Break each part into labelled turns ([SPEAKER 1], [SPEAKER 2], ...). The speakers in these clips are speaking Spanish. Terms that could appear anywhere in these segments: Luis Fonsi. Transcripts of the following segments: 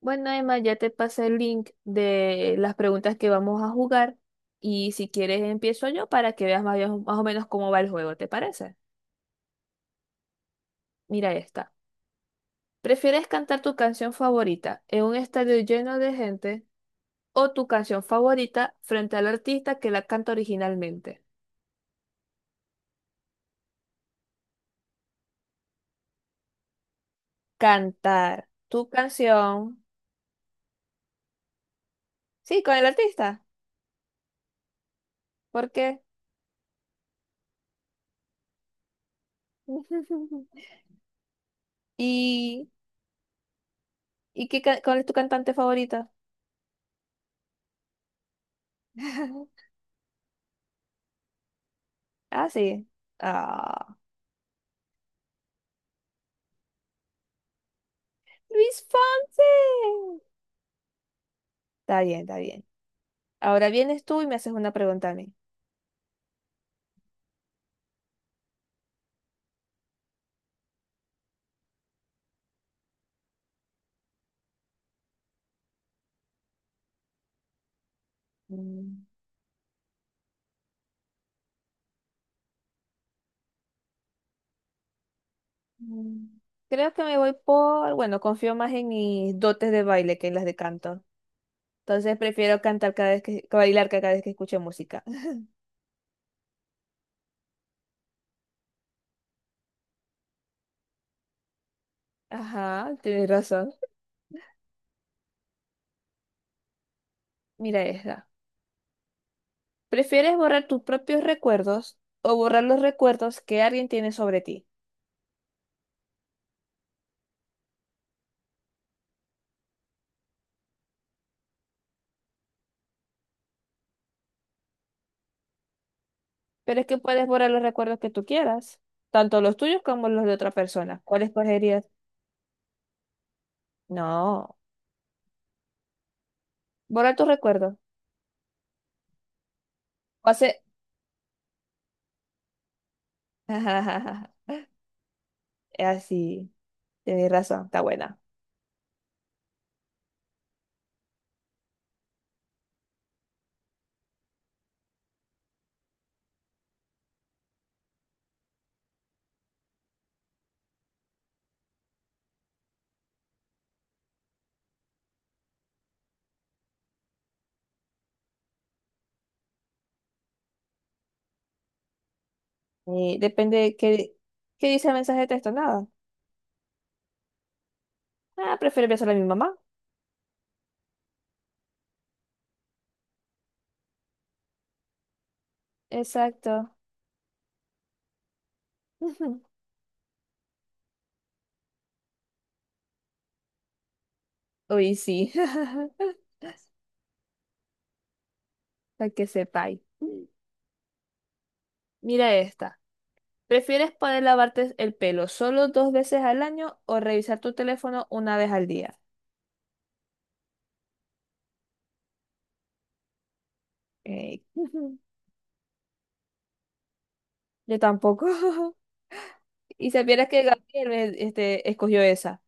[SPEAKER 1] Bueno, Emma, ya te pasé el link de las preguntas que vamos a jugar y si quieres empiezo yo para que veas más o menos cómo va el juego, ¿te parece? Mira esta. ¿Prefieres cantar tu canción favorita en un estadio lleno de gente o tu canción favorita frente al artista que la canta originalmente? Cantar tu canción. Sí, con el artista. ¿Por qué? ¿Y, Cuál es tu cantante favorita? Ah, sí. Ah. Luis Fonsi. Está bien, está bien. Ahora vienes tú y me haces una pregunta a mí. Mm, mm. Creo que me voy por, bueno, confío más en mis dotes de baile que en las de canto. Entonces prefiero cantar cada vez que, bailar cada vez que escucho música. Ajá, tienes razón. Mira esta. ¿Prefieres borrar tus propios recuerdos o borrar los recuerdos que alguien tiene sobre ti? Pero es que puedes borrar los recuerdos que tú quieras, tanto los tuyos como los de otra persona. ¿Cuál escogerías? No, borrar tus recuerdos. Hace, es así, tenés razón, está buena. Y depende de qué, qué dice el mensaje de texto, nada. Ah, prefiero besar a mi mamá. Exacto. Uy, sí. Para que sepáis. Mira esta. ¿Prefieres poder lavarte el pelo solo 2 veces al año o revisar tu teléfono 1 vez al día? Eh, yo tampoco. Y supieras que Gabriel escogió esa.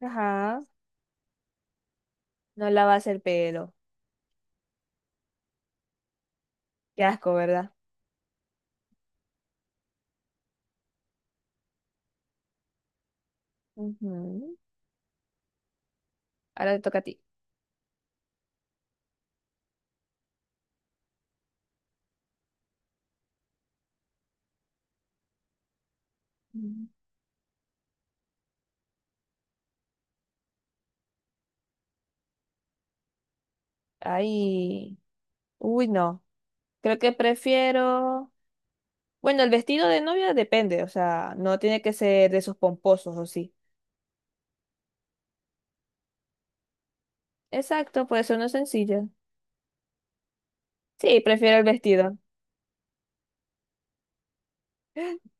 [SPEAKER 1] Ajá. No lavas el pelo. Qué asco, ¿verdad? Ujú. Ahora te toca a ti. Mm. Ay, uy, no. Creo que prefiero. Bueno, el vestido de novia depende, o sea, no tiene que ser de esos pomposos o sí. Exacto, puede ser uno sencillo. Sí, prefiero el vestido.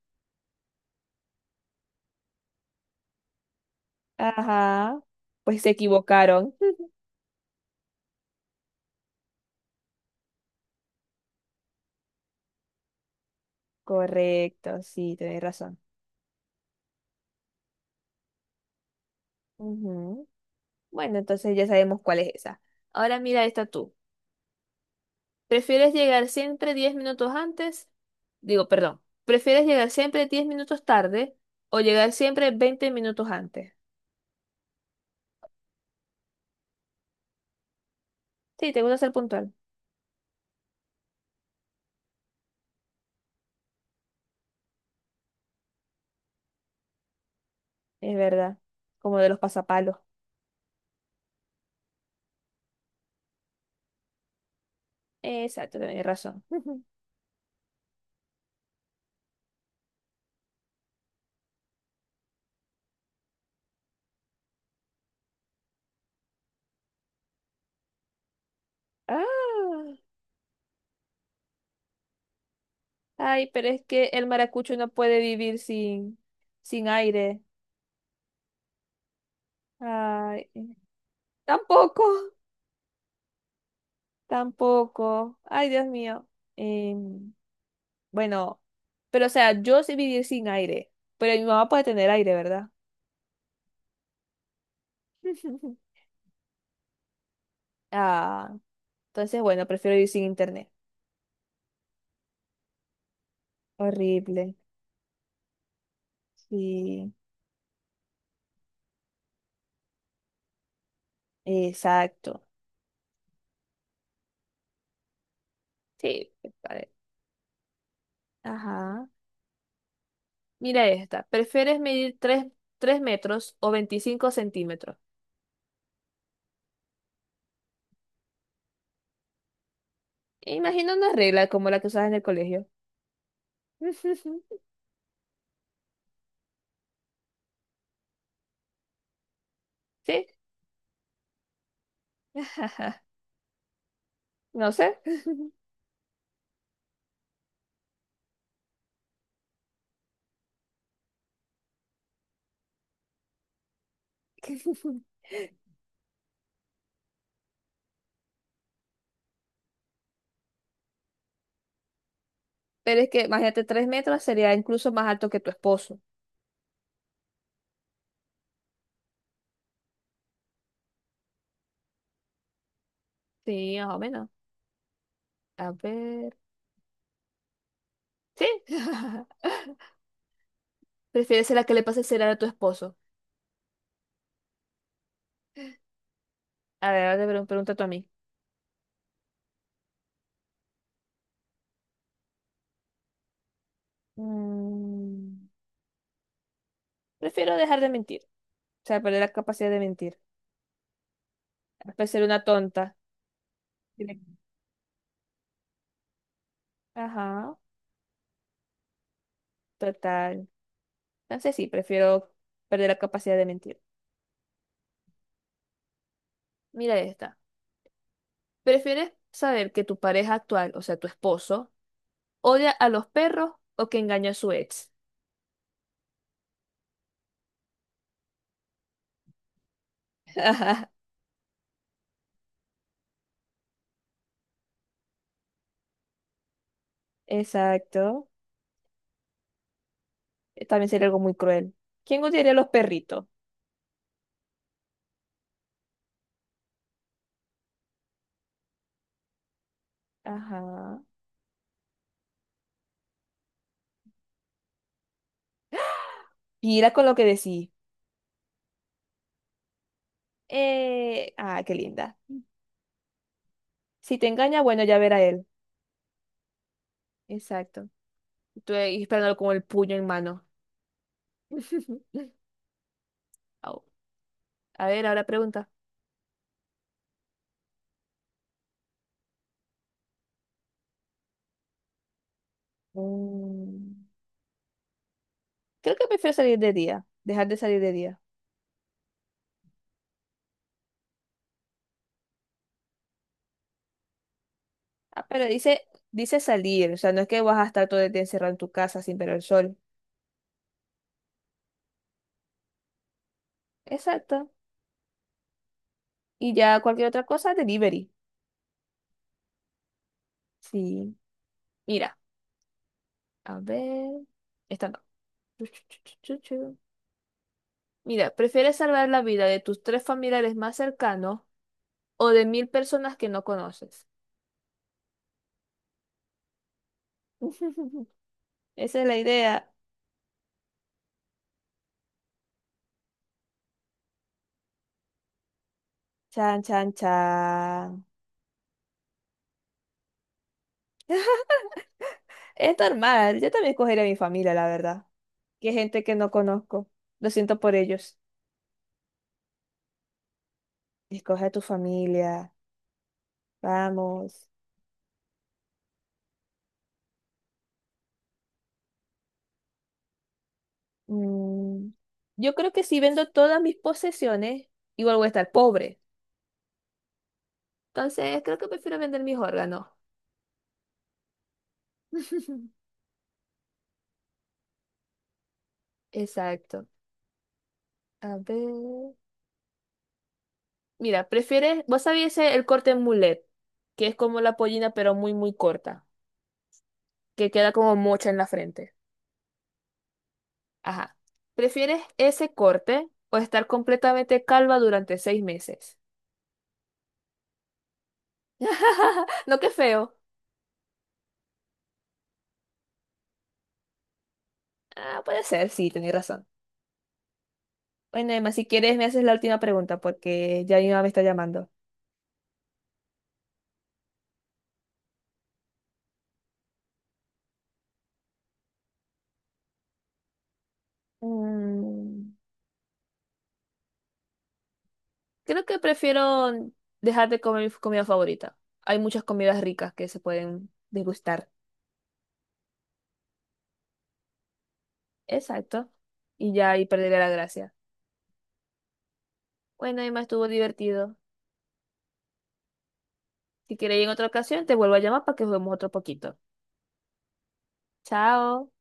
[SPEAKER 1] Ajá, pues se equivocaron. Correcto, sí, tenés razón. Ujú. Bueno, entonces ya sabemos cuál es esa. Ahora mira esta tú. ¿Prefieres llegar siempre 10 minutos antes? Digo, perdón, ¿prefieres llegar siempre 10 minutos tarde o llegar siempre 20 minutos antes? Sí, te gusta ser puntual. Es verdad. Como de los pasapalos. Exacto, tenés razón. Ah, ay, pero es que el maracucho no puede vivir sin, sin aire. Ay, tampoco, tampoco. Ay, Dios mío. Em, bueno, pero o sea, yo sé vivir sin aire, pero mi mamá puede tener aire, ¿verdad? Ah. Entonces, bueno, prefiero ir sin internet. Horrible. Sí, exacto. Sí, a ver, ajá. Mira esta. ¿Prefieres medir tres metros o 25 centímetros? Imagina una regla como la que usas en el colegio. ¿Sí? No sé. Pero es que, imagínate, 3 metros sería incluso más alto que tu esposo. Sí, más o menos. A ver. Sí. ¿Prefieres ser la que le pase el celular a tu esposo? A ver, ahora te pregunta tú a mí. Mm, prefiero dejar de mentir. O sea, perder la capacidad de mentir. A ser una tonta. Tiene- Ajá, total. Entonces sí, prefiero perder la capacidad de mentir. Mira esta. ¿Prefieres saber que tu pareja actual, o sea, tu esposo, odia a los perros o que engañó a su ex? Exacto. También sería algo muy cruel. ¿Quién odiaría a los perritos? Ajá. Mira con lo que decís. Qué linda. Si te engaña, bueno, ya verá él. Exacto. Estuve ahí esperándolo con el puño en mano. Au. A ver, ahora pregunta. Mm, creo que prefiero salir de día, dejar de salir de día. Ah, pero dice, dice salir, o sea, no es que vas a estar todo el día encerrado en tu casa sin ver el sol. Exacto. Y ya cualquier otra cosa, delivery. Sí. Mira, a ver. Esta no. Chu, chu, chu, chu, chu, chu. Mira, ¿prefieres salvar la vida de tus tres familiares más cercanos o de 1.000 personas que no conoces? Esa es la idea. Chan, chan, chan. Es normal, yo también escogería a mi familia, la verdad. Que gente que no conozco. Lo siento por ellos. Escoge a tu familia. Vamos. Mm, yo creo que si vendo todas mis posesiones, igual voy a estar pobre. Entonces, creo que prefiero vender mis órganos. Exacto. A ver. Mira, prefieres, vos sabías el corte en mulet, que es como la pollina, pero muy, muy corta, que queda como mocha en la frente. Ajá. ¿Prefieres ese corte o estar completamente calva durante 6 meses? No, qué feo. Ah, puede ser, sí, tenés razón. Bueno, Emma, si quieres me haces la última pregunta porque ya mi mamá me está llamando. Mm, creo que prefiero dejar de comer mi comida favorita. Hay muchas comidas ricas que se pueden degustar. Exacto. Y ya ahí perderé la gracia. Bueno, Emma, estuvo divertido. Si quieres ir en otra ocasión, te vuelvo a llamar para que juguemos otro poquito. Chao.